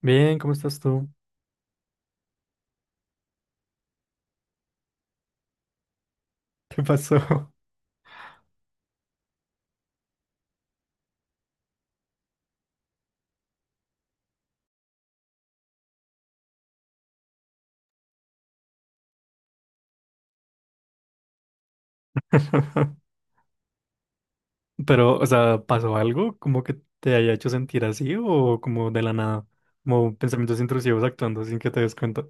Bien, ¿cómo estás tú? ¿Qué pasó? Pero, o sea, ¿pasó algo como que te haya hecho sentir así o como de la nada? Como pensamientos intrusivos actuando sin que te des cuenta.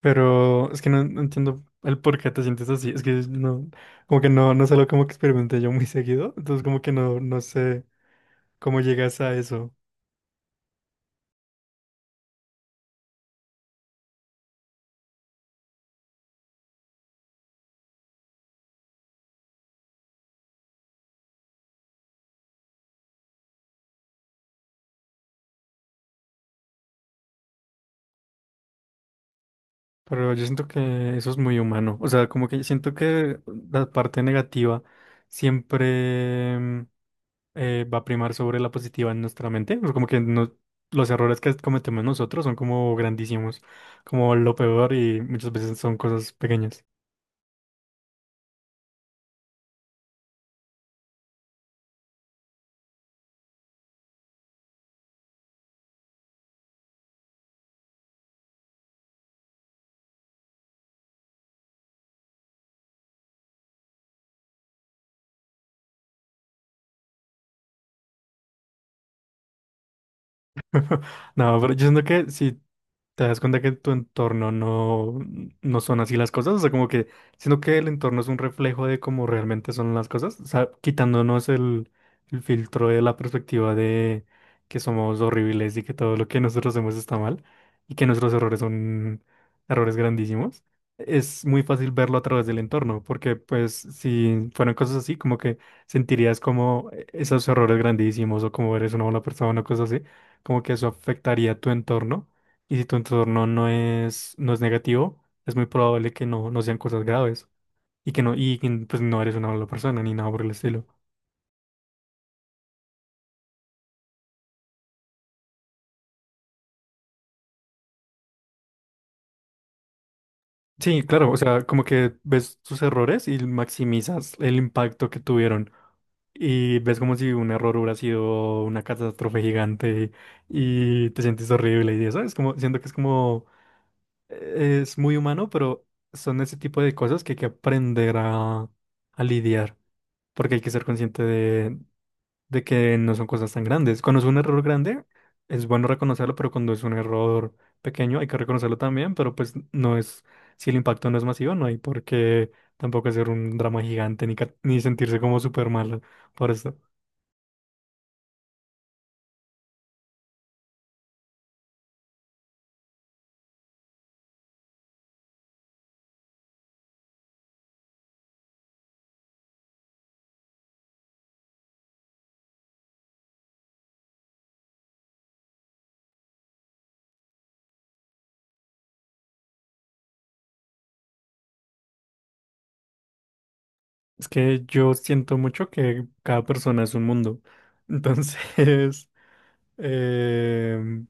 Pero es que no entiendo el por qué te sientes así. Es que no, como que no solo como que experimenté yo muy seguido. Entonces como que no, no sé cómo llegas a eso. Pero yo siento que eso es muy humano. O sea, como que siento que la parte negativa siempre... va a primar sobre la positiva en nuestra mente. O sea, como que no, los errores que cometemos nosotros son como grandísimos, como lo peor, y muchas veces son cosas pequeñas. No, pero yo siento que si te das cuenta que en tu entorno no son así las cosas. O sea, como que siento que el entorno es un reflejo de cómo realmente son las cosas, o sea, quitándonos el filtro de la perspectiva de que somos horribles y que todo lo que nosotros hacemos está mal, y que nuestros errores son errores grandísimos, es muy fácil verlo a través del entorno, porque pues si fueran cosas así, como que sentirías como e-, esos errores grandísimos, o como eres una mala persona o cosas así, como que eso afectaría tu entorno. Y si tu entorno no es negativo, es muy probable que no sean cosas graves, y que no, y que, pues no eres una mala persona ni nada por el estilo. Sí, claro, o sea, como que ves tus errores y maximizas el impacto que tuvieron. Y ves como si un error hubiera sido una catástrofe gigante y te sientes horrible y eso. Es como, siento que es como, es muy humano, pero son ese tipo de cosas que hay que aprender a lidiar. Porque hay que ser consciente de que no son cosas tan grandes. Cuando es un error grande, es bueno reconocerlo, pero cuando es un error pequeño, hay que reconocerlo también, pero pues no es, si el impacto no es masivo, no hay por qué tampoco hacer un drama gigante ni, ca- ni sentirse como súper malo por eso. Es que yo siento mucho que cada persona es un mundo. Entonces, Eh,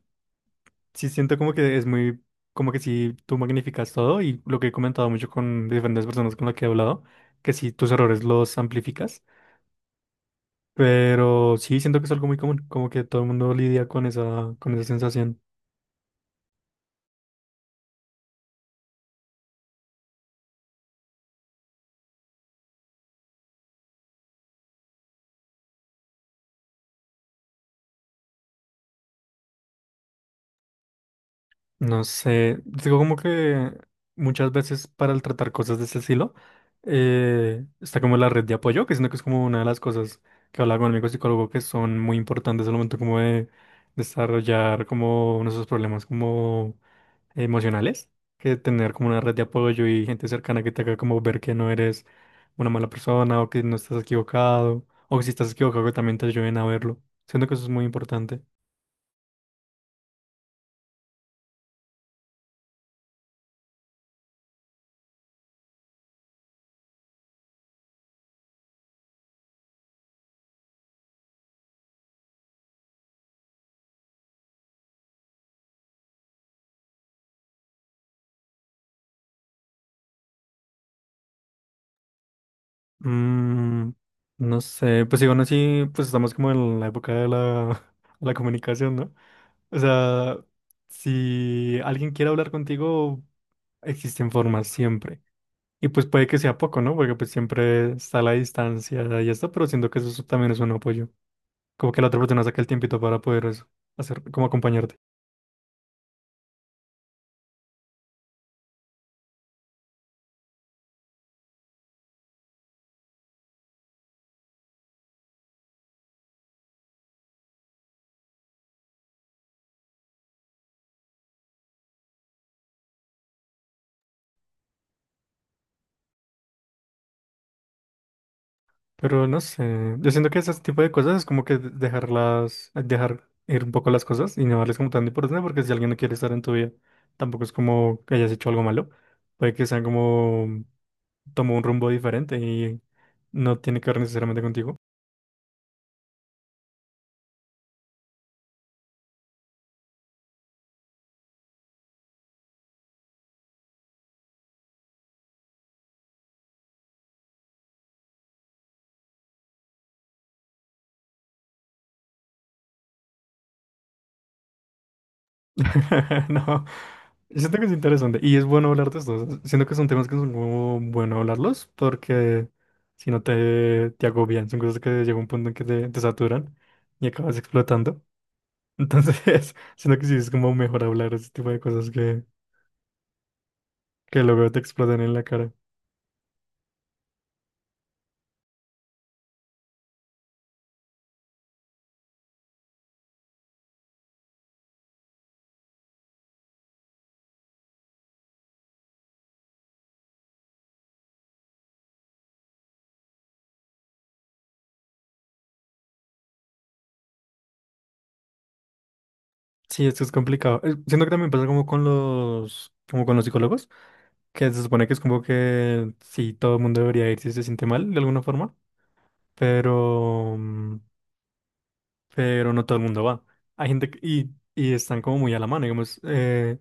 sí siento como que es muy, como que sí tú magnificas todo, y lo que he comentado mucho con diferentes personas con las que he hablado, que sí tus errores los amplificas, pero sí siento que es algo muy común, como que todo el mundo lidia con esa sensación. No sé, digo como que muchas veces para el tratar cosas de ese estilo está como la red de apoyo, que siento que es como una de las cosas que hablaba con mi amigo psicólogo, que son muy importantes al momento como de desarrollar como nuestros problemas como emocionales, que tener como una red de apoyo y gente cercana que te haga como ver que no eres una mala persona, o que no estás equivocado, o que si estás equivocado, que también te ayuden a verlo. Siento que eso es muy importante. Mm, no sé, pues igual así, pues estamos como en la época de la comunicación, ¿no? O sea, si alguien quiere hablar contigo, existen formas siempre. Y pues puede que sea poco, ¿no? Porque pues siempre está la distancia y esto, pero siento que eso también es un apoyo. Como que la otra persona saca el tiempito para poder eso, hacer, como acompañarte. Pero no sé, yo siento que ese tipo de cosas es como que de- dejarlas, dejar ir un poco las cosas y no darles como tan importancia, porque si alguien no quiere estar en tu vida, tampoco es como que hayas hecho algo malo. Puede que sean como, tomó un rumbo diferente y no tiene que ver necesariamente contigo. No, siento que es interesante y es bueno hablar de esto. Siento que son temas que son como bueno hablarlos, porque si no te agobian, son cosas que llega un punto en que te saturan y acabas explotando. Entonces, sino que sí es como mejor hablar ese tipo de cosas que luego te explotan en la cara. Sí, esto es complicado. Siento que también pasa como con como con los psicólogos, que se supone que es como que sí, todo el mundo debería ir si se siente mal de alguna forma, pero, mm, pero no todo el mundo va. Hay gente que, y están como muy a la mano, digamos,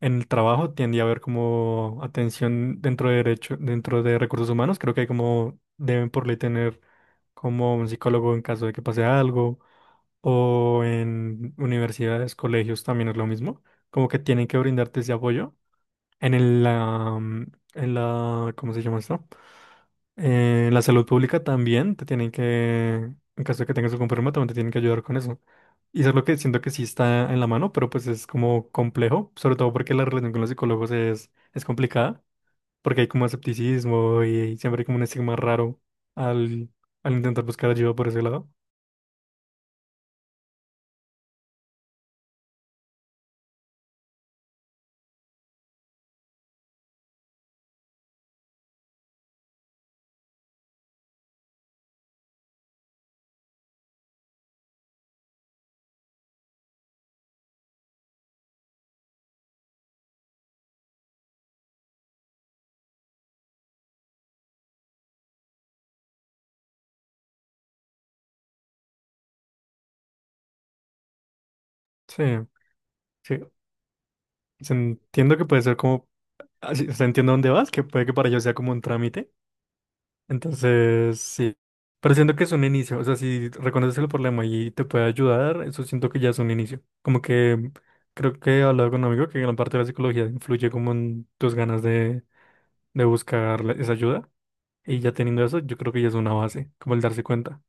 en el trabajo tiende a haber como atención dentro de derecho, dentro de recursos humanos, creo que hay como deben por ley tener como un psicólogo en caso de que pase algo, o en universidades, colegios también es lo mismo, como que tienen que brindarte ese apoyo en en la, ¿cómo se llama esto? La salud pública también te tienen que, en caso de que tengas un problema, también te tienen que ayudar con eso. Y eso es lo que siento que sí está en la mano, pero pues es como complejo, sobre todo porque la relación con los psicólogos es complicada, porque hay como escepticismo y, siempre hay como un estigma raro al, al intentar buscar ayuda por ese lado. Sí, sí. Se- entiendo que puede ser como, así- o sea, entiendo dónde vas, que puede que para ellos sea como un trámite. Entonces, sí. Pero siento que es un inicio. O sea, si reconoces el problema y te puede ayudar, eso siento que ya es un inicio. Como que creo que he hablado con un amigo que gran parte de la psicología influye como en tus ganas de buscar la- esa ayuda. Y ya teniendo eso, yo creo que ya es una base, como el darse cuenta.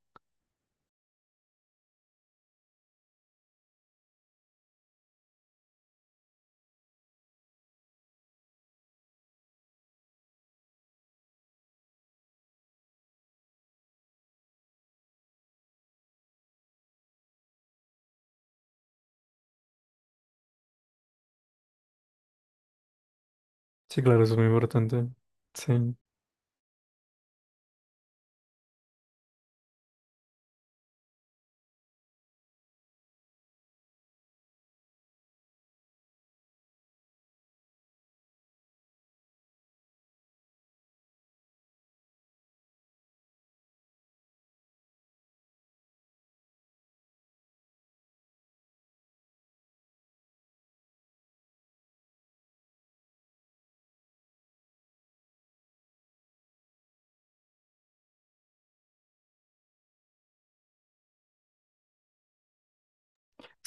Sí, claro, eso es muy importante. Sí. Es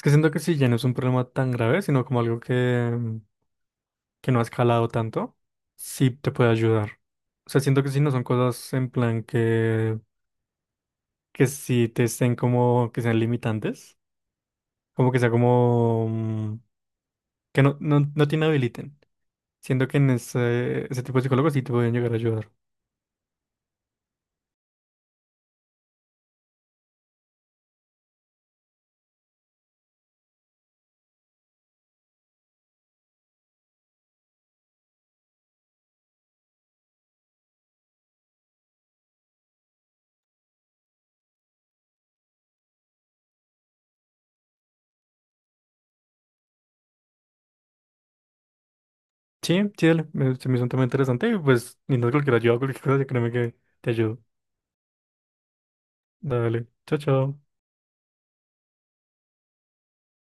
que siento que si ya no es un problema tan grave, sino como algo que, mm, que no ha escalado tanto, sí te puede ayudar. O sea, siento que si no son cosas en plan que sí te estén como, que sean limitantes, como que sea como, mm, que no te inhabiliten. Siento que en ese, ese tipo de psicólogos sí te pueden llegar a ayudar. Sí, sí, dale, me- se me hizo un tema interesante y pues, ni no cualquier ayuda, cualquier cosa, créeme que te ayudo. Dale, chao, chao.